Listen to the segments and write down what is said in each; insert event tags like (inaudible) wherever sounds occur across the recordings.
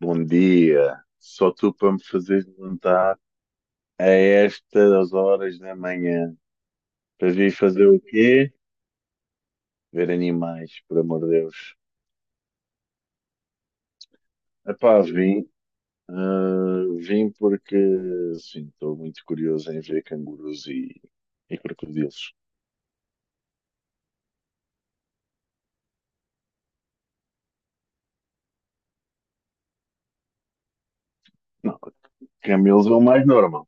Bom dia. Só tu para me fazer levantar a estas horas da manhã. Para vir fazer o quê? Ver animais, por amor de Deus. Epá, vim. Vim porque, sim, estou muito curioso em ver cangurus e crocodilos. Não, camelos é o mais normal.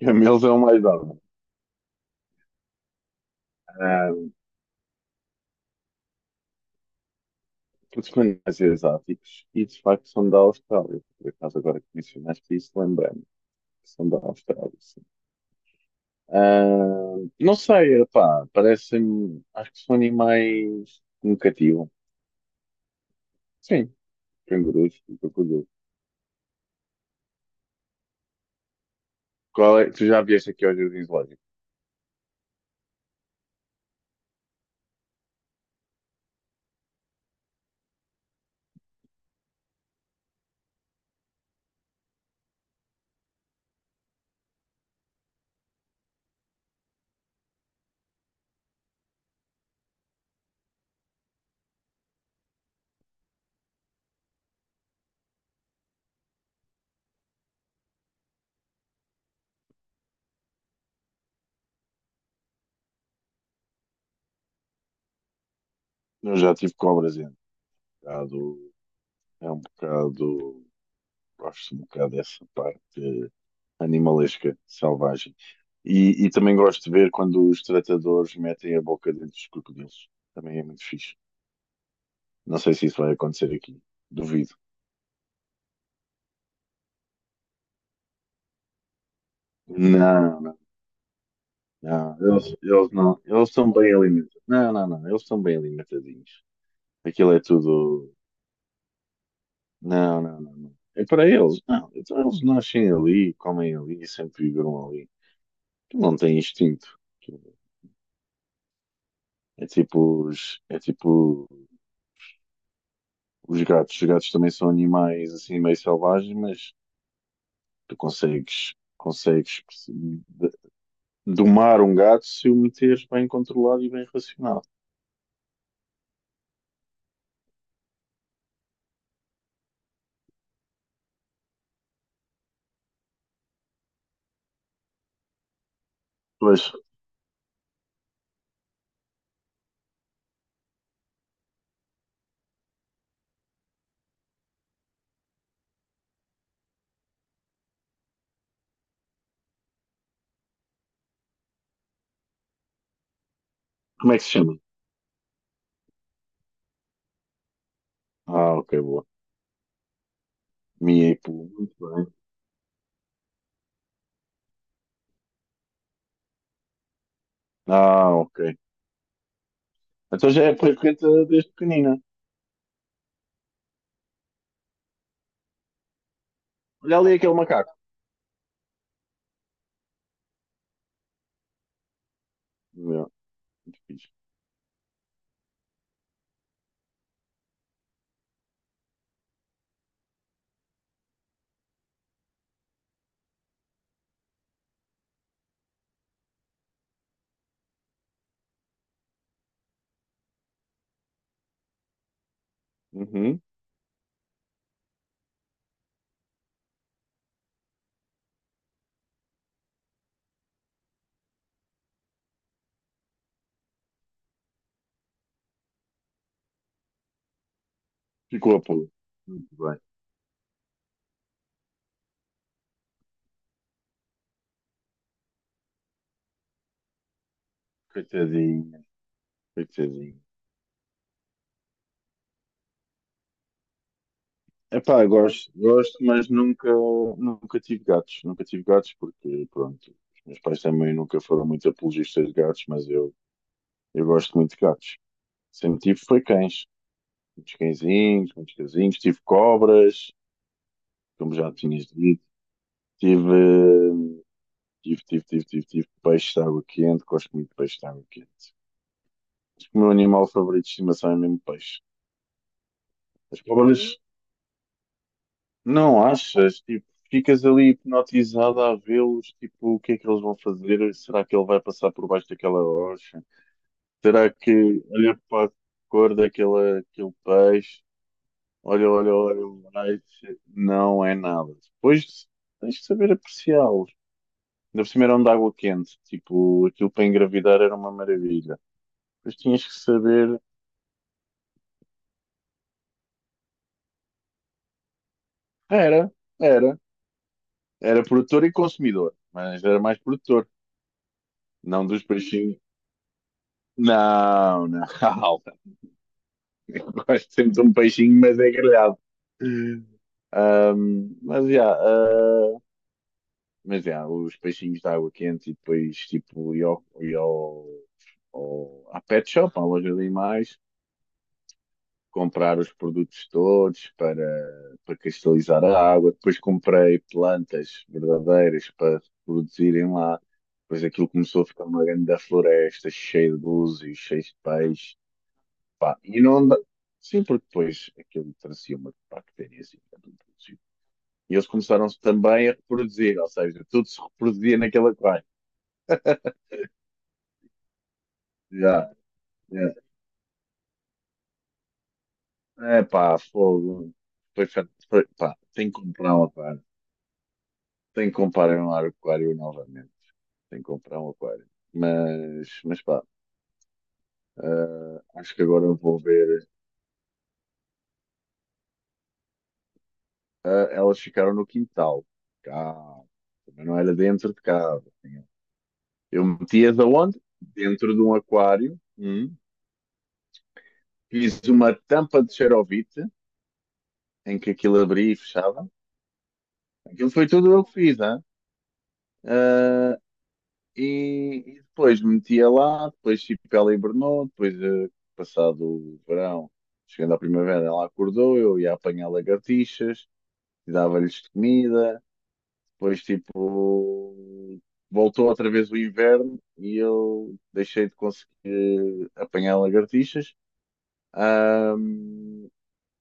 Camelos é o mais normal. Ah, porque são animais exóticos e, de facto, são da Austrália. Por acaso, agora que mencionaste isso, lembrei-me. Que são da Austrália. Ah, não sei, pá, parecem-me, acho que são animais que me cativam. Sim, cangurus, e crocodilos. Qual é? Tu já vieste aqui aos Jardins zoológico? Eu já tive cobras, bocado, é um bocado, gosto um bocado dessa parte animalesca, selvagem. E também gosto de ver quando os tratadores metem a boca dentro dos crocodilos. Também é muito fixe. Não sei se isso vai acontecer aqui. Duvido. Não. Não, eles não. Eles são bem alimentados. Não, não, não. Eles são bem alimentadinhos. Aquilo é tudo. Não, não, não, não. É para eles. Não. Então eles nascem ali, comem ali e sempre viveram ali. Tu não têm instinto. É tipo os gatos. Os gatos também são animais assim meio selvagens, mas tu consegues, domar um gato se o meteres bem controlado e bem racionado. Pois, como é que se chama? Ah, ok, boa. Mia e Poo. Muito bem. Ah, ok. Então já é frequente desde pequenina. Olha ali aquele macaco. Meu, muito fixe. Uhum. Ficou a pôr. Muito bem. Coitadinho, coitadinho. Epá, eu gosto, gosto, mas nunca, nunca tive gatos. Nunca tive gatos porque, pronto, os meus pais também nunca foram muito apologistas de gatos, mas eu gosto muito de gatos. Sempre tive foi cães. Muitos cãezinhos, muitos cãezinhos. Tive cobras, como já tinhas dito. Tive. Tive, tive, tive, tive, tive peixe de água quente, gosto muito de peixe de água quente. Acho que o meu animal favorito de estimação é mesmo peixe. As cobras, não achas? Tipo, ficas ali hipnotizado a vê-los, tipo, o que é que eles vão fazer? Será que ele vai passar por baixo daquela rocha? Será que olha para a cor daquele aquele peixe? Olha, olha, olha, olha, não é nada. Depois tens que saber apreciá-los. Ainda por cima eram de água quente, tipo, aquilo para engravidar era uma maravilha. Mas tinhas que saber. Era, era. Era produtor e consumidor, mas era mais produtor, não dos peixinhos. Não, não. (laughs) Eu gosto sempre de um peixinho, mas é grelhado. Ahm, mas já, ah, mas já, os peixinhos de água quente e depois tipo, e ao, à pet shop, à loja de animais, comprar os produtos todos para, para cristalizar a água. Depois comprei plantas verdadeiras para produzirem lá. Depois aquilo começou a ficar uma grande floresta, cheia de búzios, cheia de peixes. Pá, e não anda... Sim, porque depois aquilo trazia uma bactéria assim, era um búzio. E eles começaram também a reproduzir, ou seja, tudo se reproduzia naquele aquário. Já, já. É pá, fogo. Foi, pá, tenho que comprar um aquário. Tenho que comprar um aquário novamente. Tenho que comprar um aquário. Mas pá, acho que agora vou ver. Ah, elas ficaram no quintal. Cá. Também não era dentro de casa. Tinha- Eu metia-as onde dentro de um aquário. Hum. Fiz uma tampa de xerovite em que aquilo abria e fechava. Aquilo foi tudo eu que fiz, hein? E depois metia lá, depois tipo, ela hibernou, depois passado o verão, chegando à primavera, ela acordou, eu ia apanhar lagartixas, dava-lhes de comida, depois tipo voltou outra vez o inverno e eu deixei de conseguir apanhar lagartixas. Ahm,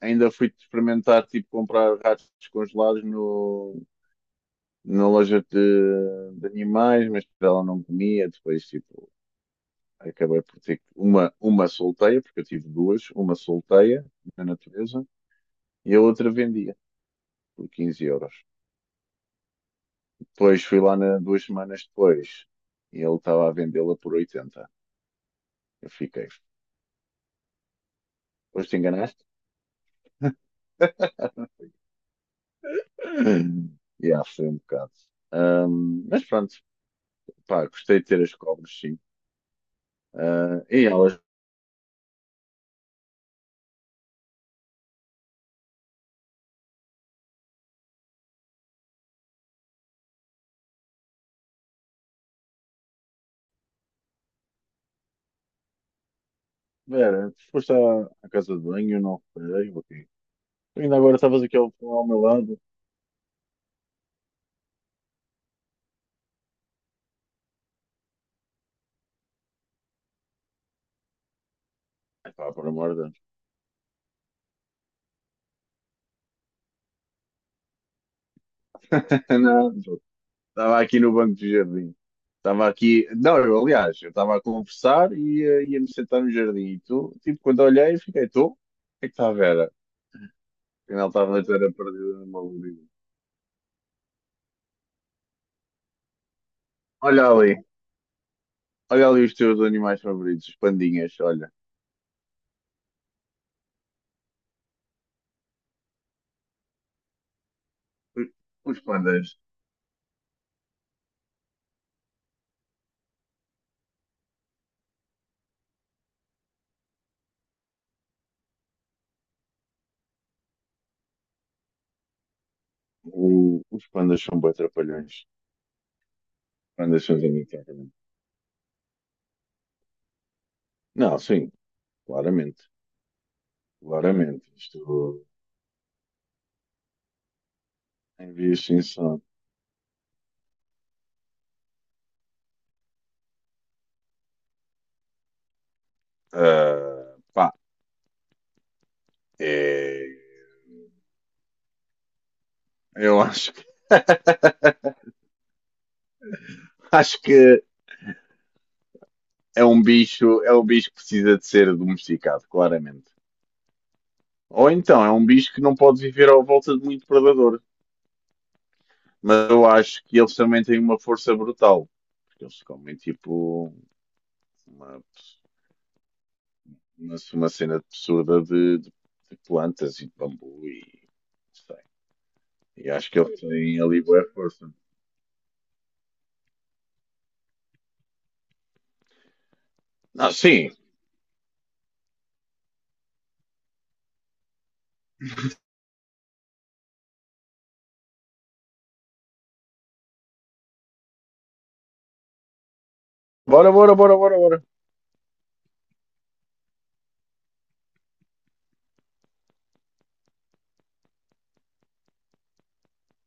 ainda fui experimentar tipo comprar ratos congelados no, na loja de animais, mas ela não comia, depois tipo acabei por ter uma solteia, porque eu tive duas, uma solteia na natureza e a outra vendia por 15€. Depois fui lá na, duas semanas depois e ele estava a vendê-la por 80. Eu fiquei, depois te enganaste? (laughs) Yeah, foi um bocado. Mas pronto, pá, gostei de ter as cobras, sim. Ah, e elas, Vera, tu foste à, à casa de banho, eu não reparei, ok. Tu ainda agora estavas aqui ao, ao meu lado. Epá, por amor de Deus. (laughs) Não, estava aqui no banco do jardim. Estava aqui. Não, eu, aliás, eu estava a conversar e ia-me sentar no jardim. E tu, tipo, quando olhei, fiquei, tu? O que é que está a ver? Afinal, estava a ter a perdida numa lurida. Olha ali, olha ali os teus animais favoritos, os pandinhas, olha. Os os pandas. Os pandas são bué trapalhões. Os pandas são imitáveis. Não, sim, claramente. Claramente. Isto é em via de extinção. Ah, pá, é, eu acho que. (laughs) Acho que é um bicho que precisa de ser domesticado, claramente. Ou então é um bicho que não pode viver à volta de muito predador. Mas eu acho que eles também têm uma força brutal. Porque eles comem tipo uma, uma cena absurda de plantas e de bambu e não sei. E acho que eles têm ali boa força. Ah, sim. Bora, bora, bora, bora, bora.